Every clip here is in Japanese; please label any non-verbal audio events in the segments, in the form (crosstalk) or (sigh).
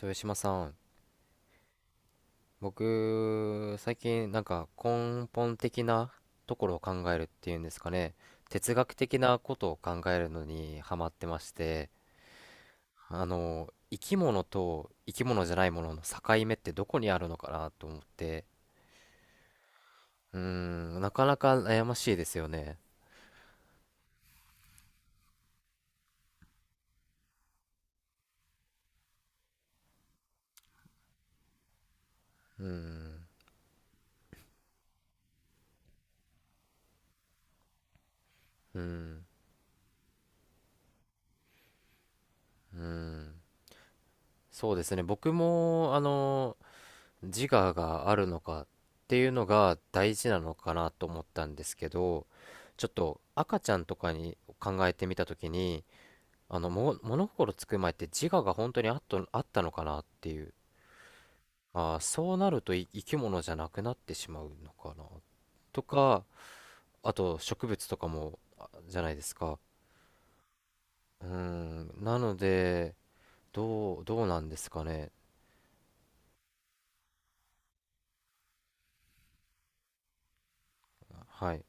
豊島さん、僕、最近なんか根本的なところを考えるっていうんですかね、哲学的なことを考えるのにハマってまして、生き物と生き物じゃないものの境目ってどこにあるのかなと思って、なかなか悩ましいですよね。うーん。うーん。うーん。そうですね、僕も、自我があるのかっていうのが大事なのかなと思ったんですけど、ちょっと赤ちゃんとかに考えてみた時に、も物心つく前って自我が本当にあっとあったのかなっていう。そうなると生き物じゃなくなってしまうのかなとか。あと植物とかもじゃないですか。なので、どうなんですかね。はい。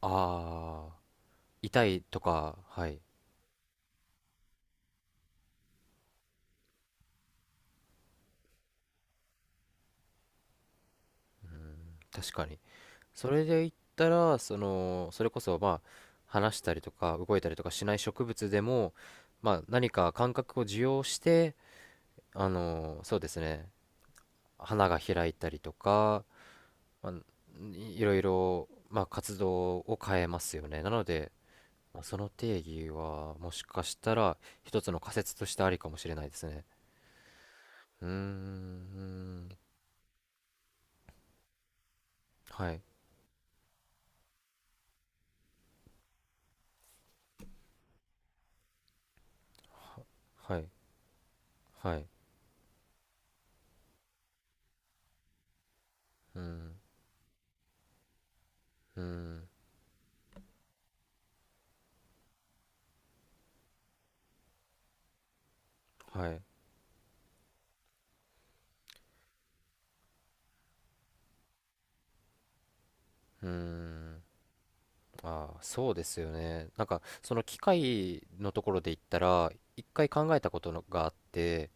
ああ、痛いとか。はい。確かに。それで言ったら、その、それこそ、まあ、話したりとか、動いたりとかしない植物でも、まあ、何か感覚を受容して、そうですね、花が開いたりとか、まあ、いろいろ、まあ、活動を変えますよね。なので、まあ、その定義は、もしかしたら、一つの仮説としてありかもしれないですね。うーん。はい。はい。はい。うん。うん。はい。うーん。ああ、そうですよね。なんか、その機械のところで言ったら、一回考えたことのがあって、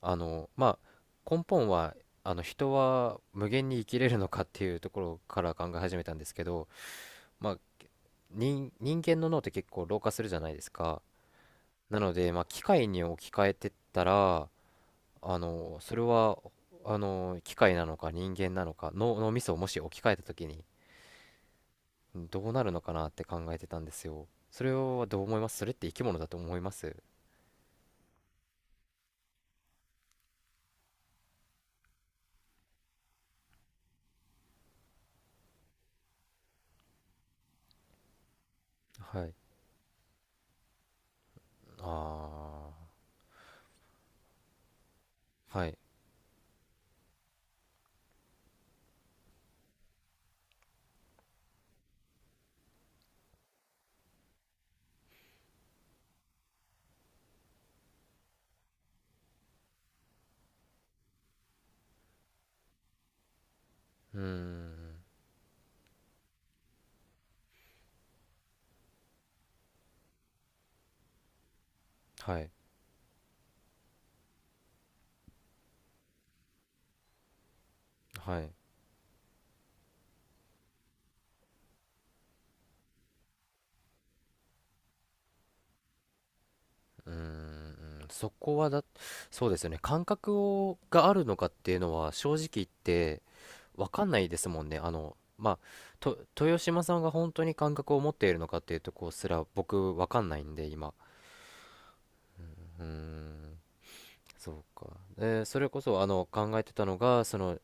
まあ、根本は、人は無限に生きれるのかっていうところから考え始めたんですけど、まあ、人間の脳って結構老化するじゃないですか。なので、まあ、機械に置き換えてったら、それは、機械なのか人間なのか、脳みそをもし置き換えた時に、どうなるのかなって考えてたんですよ。それはどう思います？それって生き物だと思います？はい。ああ、はい。うーん。はい。はい。うーん。そこはだ、そうですよね。感覚があるのかっていうのは正直言ってわかんないですもんね。まあ、豊島さんが本当に感覚を持っているのかっていうとこすら僕わかんないんで、今。うーん。そうか。で、それこそ考えてたのが、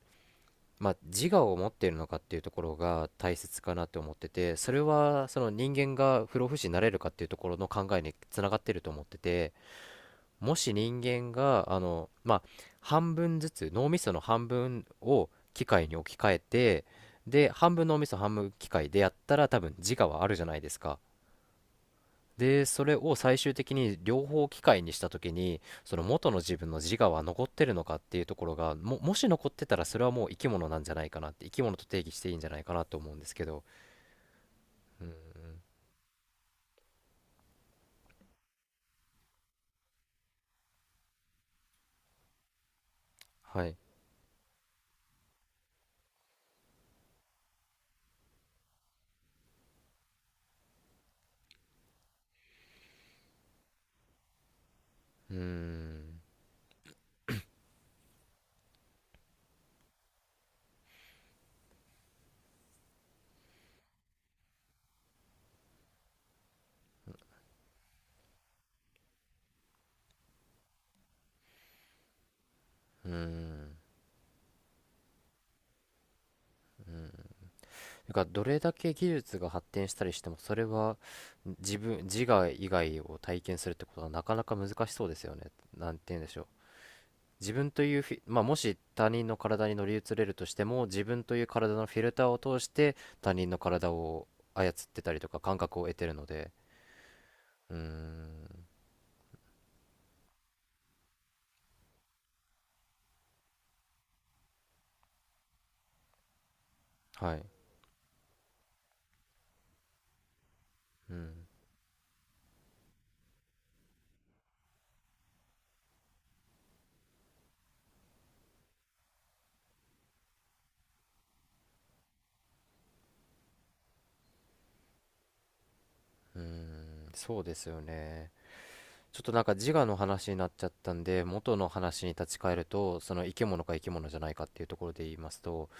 まあ、自我を持っているのかっていうところが大切かなって思ってて、それはその人間が不老不死になれるかっていうところの考えにつながってると思ってて、もし人間がまあ、半分ずつ脳みその半分を機械に置き換えて、で半分脳みそ半分機械でやったら多分自我はあるじゃないですか。で、それを最終的に両方機械にした時に、その元の自分の自我は残ってるのかっていうところが、もし残ってたらそれはもう生き物なんじゃないかなって、生き物と定義していいんじゃないかなと思うんですけど。うん。はい。うーん。うーん。だからどれだけ技術が発展したりしても、それは自我以外を体験するってことはなかなか難しそうですよね。なんて言うんでしょう。自分というフィ、まあ、もし他人の体に乗り移れるとしても自分という体のフィルターを通して他人の体を操ってたりとか感覚を得てるので。うーん。はい。うん。うーん。そうですよね。ちょっとなんか自我の話になっちゃったんで、元の話に立ち返ると、その生き物か生き物じゃないかっていうところで言いますと、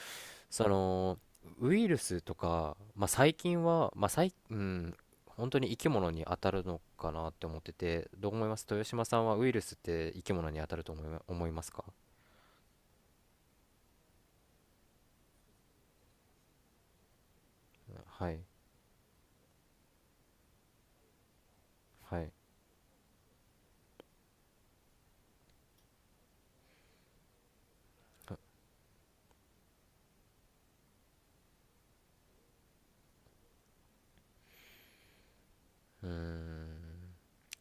そのウイルスとか、まあ、最近は、まあ最、うん、本当に生き物に当たるのかなって思ってて、どう思います？豊島さんはウイルスって生き物に当たると思いますか？はい。はい。うーん、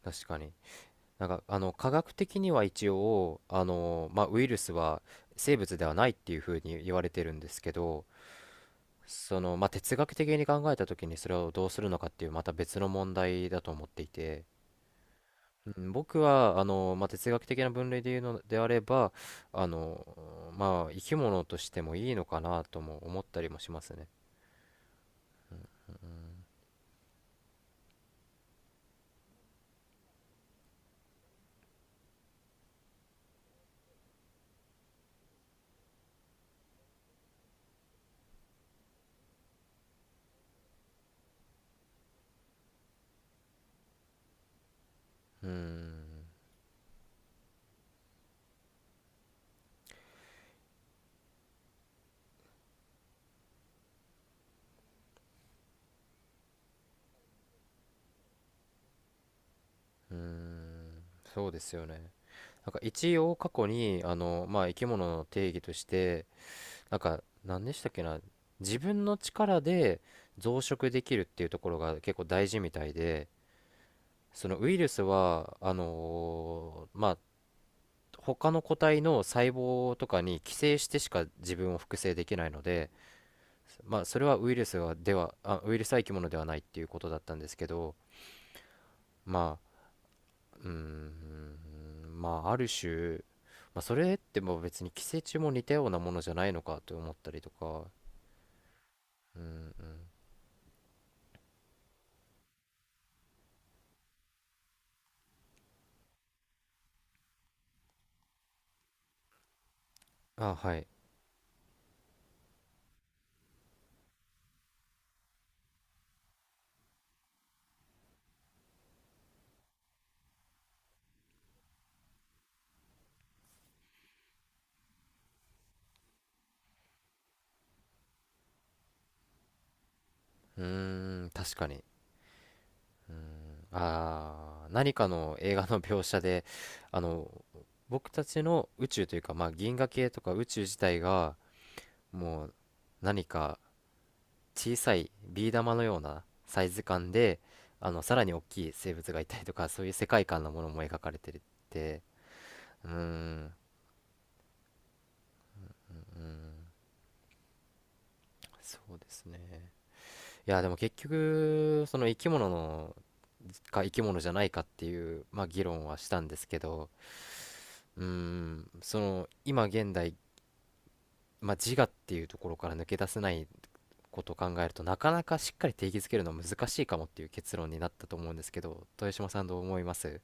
確かに。なんか、科学的には一応、まあ、ウイルスは生物ではないっていうふうに言われてるんですけど、その、まあ、哲学的に考えた時にそれをどうするのかっていうまた別の問題だと思っていて、うん、僕はまあ、哲学的な分類で言うのであれば、あの、まあ、生き物としてもいいのかなとも思ったりもしますね。うーん。うーん。そうですよね。なんか一応過去にまあ、生き物の定義として、なんか何でしたっけな、自分の力で増殖できるっていうところが結構大事みたいで、そのウイルスはまあ、他の個体の細胞とかに寄生してしか自分を複製できないので、まあ、それはウイルスは生き物ではないっていうことだったんですけど、まあ、まあ、ある種、まあ、それってもう別に寄生虫も似たようなものじゃないのかと思ったりとか。うん。あ、はい。うーん、確かに。何かの映画の描写で、あの、僕たちの宇宙というか、まあ、銀河系とか宇宙自体が、もう何か小さいビー玉のようなサイズ感で、さらに大きい生物がいたりとか (laughs) そういう世界観のものも描かれてるって。うーん。そうですね。いや、でも結局その生き物か生き物じゃないかっていう、まあ、議論はしたんですけど、その今現代、まあ、自我っていうところから抜け出せないことを考えると、なかなかしっかり定義づけるのは難しいかもっていう結論になったと思うんですけど、豊島さん、どう思います？